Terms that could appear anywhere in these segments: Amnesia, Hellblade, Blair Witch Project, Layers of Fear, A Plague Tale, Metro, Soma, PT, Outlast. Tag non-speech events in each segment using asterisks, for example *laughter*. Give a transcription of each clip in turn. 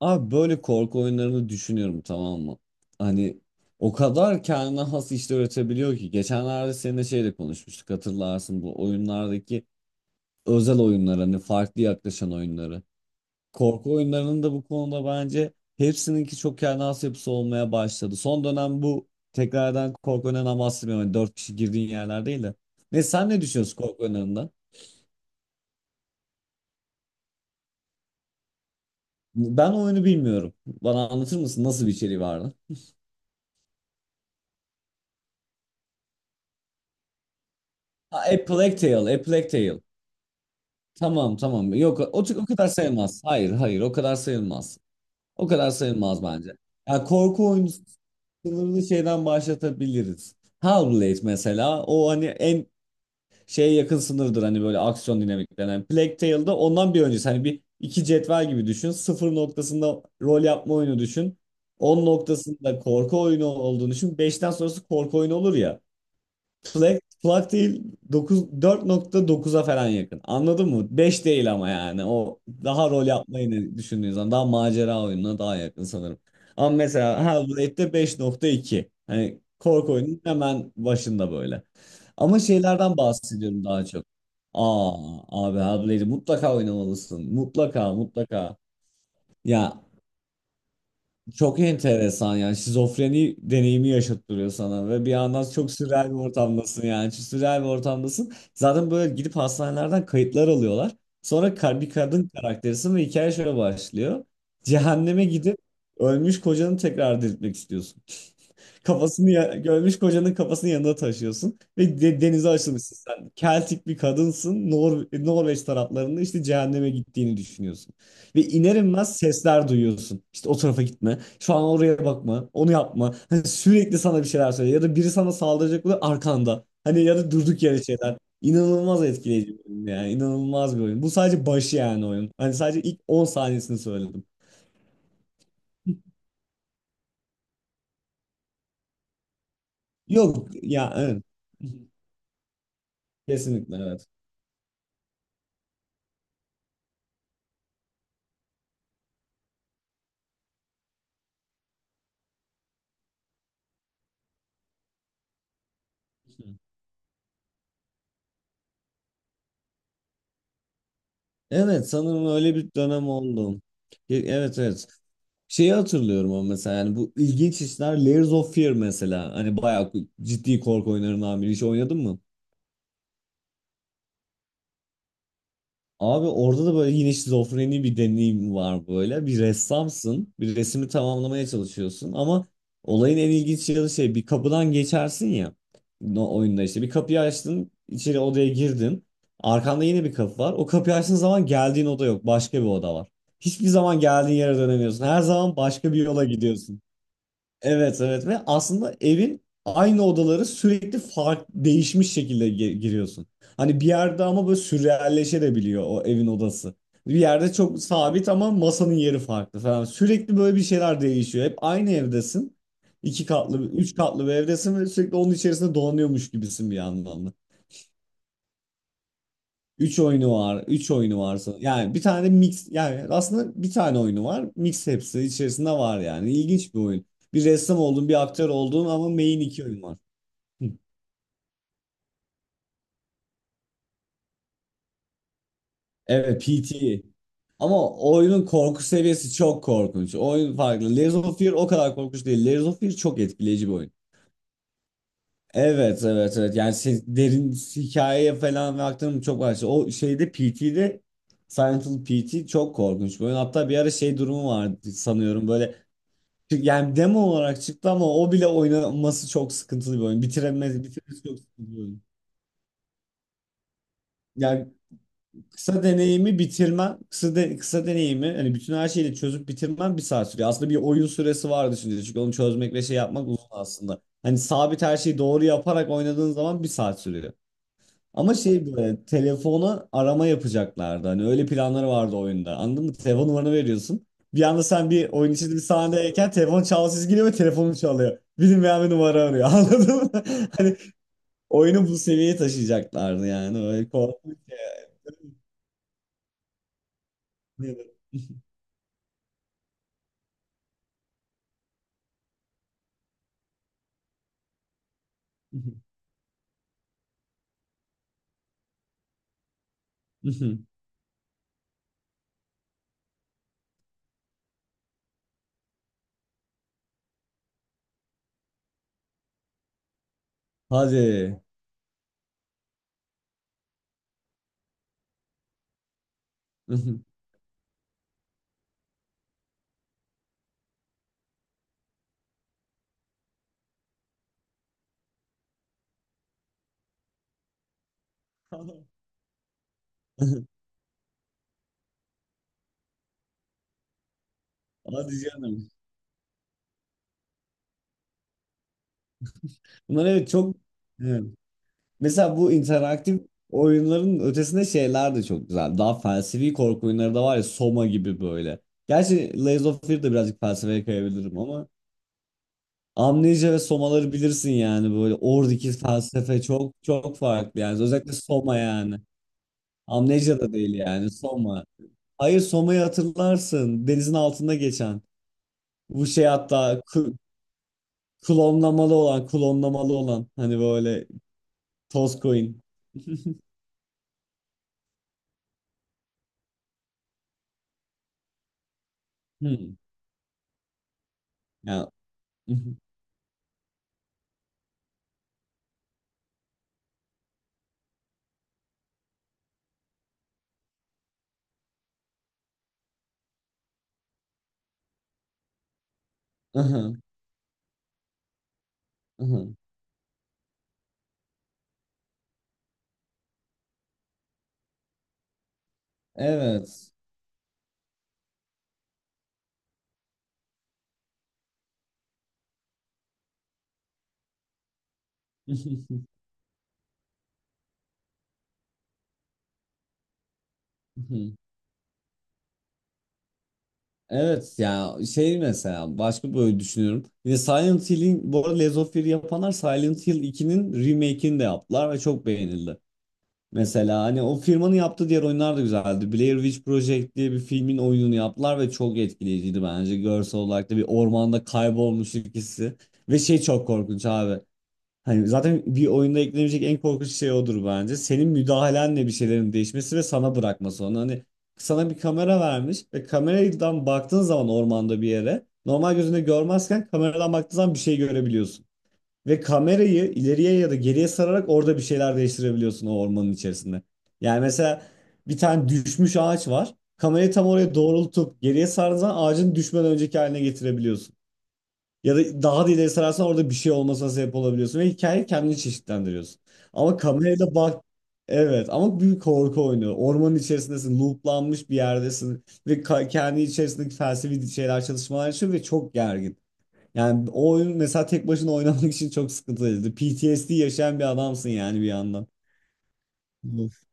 Abi böyle korku oyunlarını düşünüyorum, tamam mı? Hani o kadar kendine has işler üretebiliyor ki. Geçenlerde seninle şeyle konuşmuştuk, hatırlarsın, bu oyunlardaki özel oyunlar, hani farklı yaklaşan oyunları. Korku oyunlarının da bu konuda bence hepsininki çok kendine has yapısı olmaya başladı. Son dönem bu tekrardan korku oyunlarından bahsetmiyorum. Hani dört kişi girdiğin yerler değil de. Ne sen ne düşünüyorsun korku oyunlarından? Ben oyunu bilmiyorum. Bana anlatır mısın nasıl bir içeriği vardı? Ha, A Plague Tale, A Plague Tale. Tamam, tamam. Yok, o kadar sayılmaz. Hayır, hayır, o kadar sayılmaz. O kadar sayılmaz bence. Yani korku oyunu sınırını şeyden başlatabiliriz. Hellblade mesela, o hani en şeye yakın sınırdır, hani böyle aksiyon dinamiklerinden. Plague Tale'da ondan bir öncesi, hani bir iki cetvel gibi düşün. Sıfır noktasında rol yapma oyunu düşün. 10 noktasında korku oyunu olduğunu düşün. Beşten sonrası korku oyunu olur ya. Plak, plak değil, dokuz, 4,9'a falan yakın. Anladın mı? Beş değil ama yani. O daha rol yapmayı ne düşündüğün zaman daha macera oyununa daha yakın sanırım. Ama mesela Hellblade'de 5,2. Hani korku oyunun hemen başında böyle. Ama şeylerden bahsediyorum daha çok. Aa, abi, Hellblade'i mutlaka oynamalısın. Mutlaka mutlaka. Ya, çok enteresan yani, şizofreni deneyimi yaşattırıyor sana ve bir yandan çok sürreal bir ortamdasın, yani çok sürreal bir ortamdasın. Zaten böyle gidip hastanelerden kayıtlar alıyorlar. Sonra bir kadın karakterisin ve hikaye şöyle başlıyor. Cehenneme gidip ölmüş kocanı tekrar diriltmek istiyorsun. Görmüş kocanın kafasını yanında taşıyorsun ve denize açılmışsın sen. Keltik bir kadınsın. Nor Norveç taraflarında işte cehenneme gittiğini düşünüyorsun. Ve iner inmez sesler duyuyorsun. İşte o tarafa gitme. Şu an oraya bakma. Onu yapma. Hani sürekli sana bir şeyler söylüyor. Ya da biri sana saldıracak oluyor arkanda. Hani ya da durduk yere şeyler. İnanılmaz etkileyici bir oyun yani. İnanılmaz bir oyun. Bu sadece başı yani oyun. Hani sadece ilk 10 saniyesini söyledim. Yok ya, evet. Kesinlikle evet. Evet, sanırım öyle bir dönem oldu. Evet, evet. Şeyi hatırlıyorum ama mesela yani bu ilginç işler, Layers of Fear mesela. Hani bayağı ciddi korku oyunlarından biri. Hiç oynadın mı? Abi, orada da böyle yine şizofreni bir deneyim var böyle. Bir ressamsın, bir resmi tamamlamaya çalışıyorsun ama olayın en ilginç yanı şey, bir kapıdan geçersin ya, oyunda işte bir kapıyı açtın, içeri odaya girdin. Arkanda yine bir kapı var. O kapıyı açtığın zaman geldiğin oda yok, başka bir oda var. Hiçbir zaman geldiğin yere dönemiyorsun. Her zaman başka bir yola gidiyorsun. Evet, evet, ve aslında evin aynı odaları sürekli farklı değişmiş şekilde giriyorsun. Hani bir yerde ama böyle sürrealleşebiliyor o evin odası. Bir yerde çok sabit ama masanın yeri farklı falan. Sürekli böyle bir şeyler değişiyor. Hep aynı evdesin. İki katlı, üç katlı bir evdesin ve sürekli onun içerisinde dolanıyormuş gibisin bir anlamda. Üç oyunu var. Üç oyunu varsa. Yani bir tane mix, yani aslında bir tane oyunu var. Mix hepsi içerisinde var yani. İlginç bir oyun. Bir ressam olduğun, bir aktör olduğun, ama main iki oyun var. Hı. Evet, PT. Ama oyunun korku seviyesi çok korkunç. Oyun farklı. Layers of Fear o kadar korkunç değil. Layers of Fear çok etkileyici bir oyun. Evet, evet, evet, yani derin hikayeye falan ve aktarım çok var. O şeyde PT'de, Silent Hill PT çok korkunç bir oyun. Hatta bir ara şey durumu vardı sanıyorum böyle. Yani demo olarak çıktı ama o bile oynanması çok sıkıntılı bir oyun. Bitiremez, bitirmesi çok sıkıntılı bir oyun. Yani kısa deneyimi bitirmen, kısa, kısa deneyimi hani bütün her şeyi de çözüp bitirmen bir saat sürüyor. Aslında bir oyun süresi var, düşünce çünkü onu çözmek ve şey yapmak uzun aslında. Hani sabit her şeyi doğru yaparak oynadığın zaman bir saat sürüyor. Ama şey, böyle telefona arama yapacaklardı. Hani öyle planları vardı oyunda. Anladın mı? Telefon numaranı veriyorsun. Bir anda sen bir oyun içinde bir sahnedeyken telefon çalsız geliyor ve telefonun çalıyor. Bilinmeyen bir numara arıyor. *laughs* Anladın mı? Hani oyunu bu seviyeye taşıyacaklardı yani. Öyle korkunç ya. *laughs* Hadi. *laughs* Hadi canım. Bunlar evet çok. Mesela bu interaktif oyunların ötesinde şeyler de çok güzel. Daha felsefi korku oyunları da var ya, Soma gibi böyle. Gerçi Lies of Fear de birazcık felsefeye kayabilirim ama Amnesia ve Soma'ları bilirsin yani, böyle oradaki felsefe çok çok farklı yani, özellikle Soma yani. Amnesia da değil yani, Soma. Hayır, Soma'yı hatırlarsın, denizin altında geçen. Bu şey, hatta klonlamalı olan hani böyle toz coin. *laughs* Hmm. Ya. *laughs* Aha, evet. *laughs* Evet ya, şey, mesela başka böyle düşünüyorum. Yine Silent Hill'in bu arada, Lies of Fear'ı yapanlar Silent Hill 2'nin remake'ini de yaptılar ve çok beğenildi. Mesela hani o firmanın yaptığı diğer oyunlar da güzeldi. Blair Witch Project diye bir filmin oyununu yaptılar ve çok etkileyiciydi bence. Görsel olarak da bir ormanda kaybolmuş ikisi. Ve şey, çok korkunç abi. Hani zaten bir oyunda eklenecek en korkunç şey odur bence. Senin müdahalenle bir şeylerin değişmesi ve sana bırakması onu. Hani sana bir kamera vermiş ve kameradan baktığın zaman ormanda bir yere normal gözünde görmezken kameradan baktığın zaman bir şey görebiliyorsun. Ve kamerayı ileriye ya da geriye sararak orada bir şeyler değiştirebiliyorsun o ormanın içerisinde. Yani mesela bir tane düşmüş ağaç var. Kamerayı tam oraya doğrultup geriye sardığın zaman ağacın düşmeden önceki haline getirebiliyorsun. Ya da daha da ileri sararsan orada bir şey olmasına sebep olabiliyorsun ve hikayeyi kendini çeşitlendiriyorsun. Ama kamerayla bak. Evet, ama bir korku oyunu. Ormanın içerisindesin, looplanmış bir yerdesin ve kendi içerisindeki felsefi şeyler çalışmalar için ve çok gergin. Yani o oyun mesela tek başına oynamak *laughs* için çok sıkıntılıydı. PTSD yaşayan bir adamsın yani bir yandan. Of.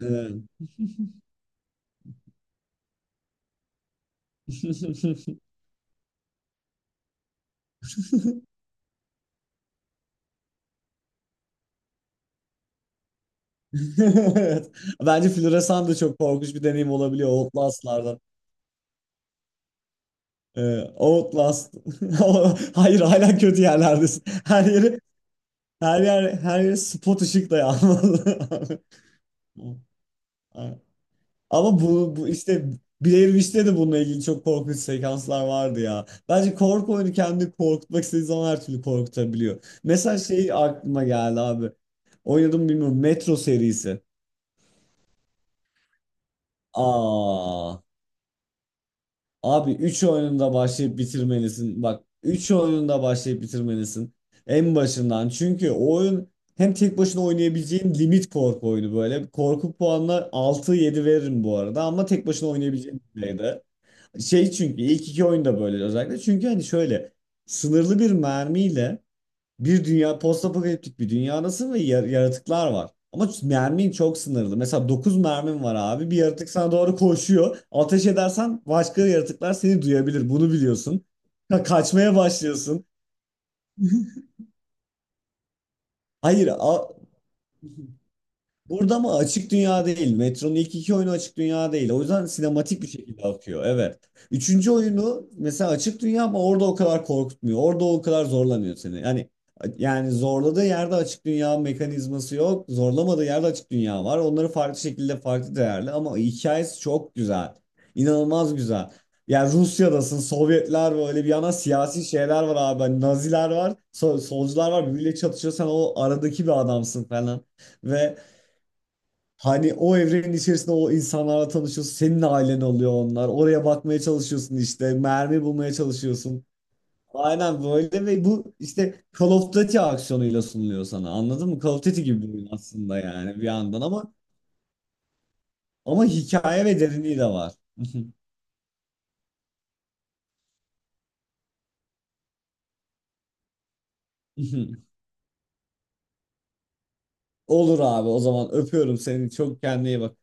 Evet. *laughs* Evet. Bence floresan da çok korkunç bir deneyim olabiliyor Outlast'lardan. Outlast. *laughs* Hayır, hala kötü yerlerdesin. Her yeri spot ışık da yanmadı. *laughs* Ama bu işte Blair Witch'te de bununla ilgili çok korkunç sekanslar vardı ya. Bence korku oyunu kendini korkutmak istediği zaman her türlü korkutabiliyor. Mesela şey aklıma geldi abi. Oynadım mı bilmiyorum. Metro serisi. Aa. Abi 3 oyununda başlayıp bitirmelisin. Bak 3 oyununda başlayıp bitirmelisin. En başından. Çünkü o oyun hem tek başına oynayabileceğin limit korku oyunu böyle. Korku puanına 6-7 veririm bu arada ama tek başına oynayabileceğin düzeyde. Şey, çünkü ilk iki oyunda böyle özellikle. Çünkü hani şöyle sınırlı bir mermiyle, bir dünya, postapokaliptik bir dünyadasın ve yaratıklar var. Ama mermin çok sınırlı. Mesela 9 mermin var abi. Bir yaratık sana doğru koşuyor. Ateş edersen başka yaratıklar seni duyabilir. Bunu biliyorsun. Kaçmaya başlıyorsun. Hayır. Burada mı açık dünya değil. Metro'nun ilk iki oyunu açık dünya değil. O yüzden sinematik bir şekilde akıyor. Evet. Üçüncü oyunu mesela açık dünya ama orada o kadar korkutmuyor. Orada o kadar zorlamıyor seni. Yani zorladığı yerde açık dünya mekanizması yok. Zorlamadığı yerde açık dünya var. Onları farklı şekilde farklı değerli ama hikayesi çok güzel. İnanılmaz güzel. Yani Rusya'dasın, Sovyetler böyle bir yana, siyasi şeyler var abi. Hani Naziler var, solcular var. Birbiriyle çatışıyor. Sen o aradaki bir adamsın falan. Ve hani o evrenin içerisinde o insanlarla tanışıyorsun. Senin ailen oluyor onlar. Oraya bakmaya çalışıyorsun işte. Mermi bulmaya çalışıyorsun. Aynen böyle ve bu işte Call of Duty aksiyonuyla sunuluyor sana. Anladın mı? Call of Duty gibi bir oyun aslında yani bir yandan ama hikaye ve derinliği de var. *laughs* Olur abi, o zaman öpüyorum seni. Çok kendine iyi bak.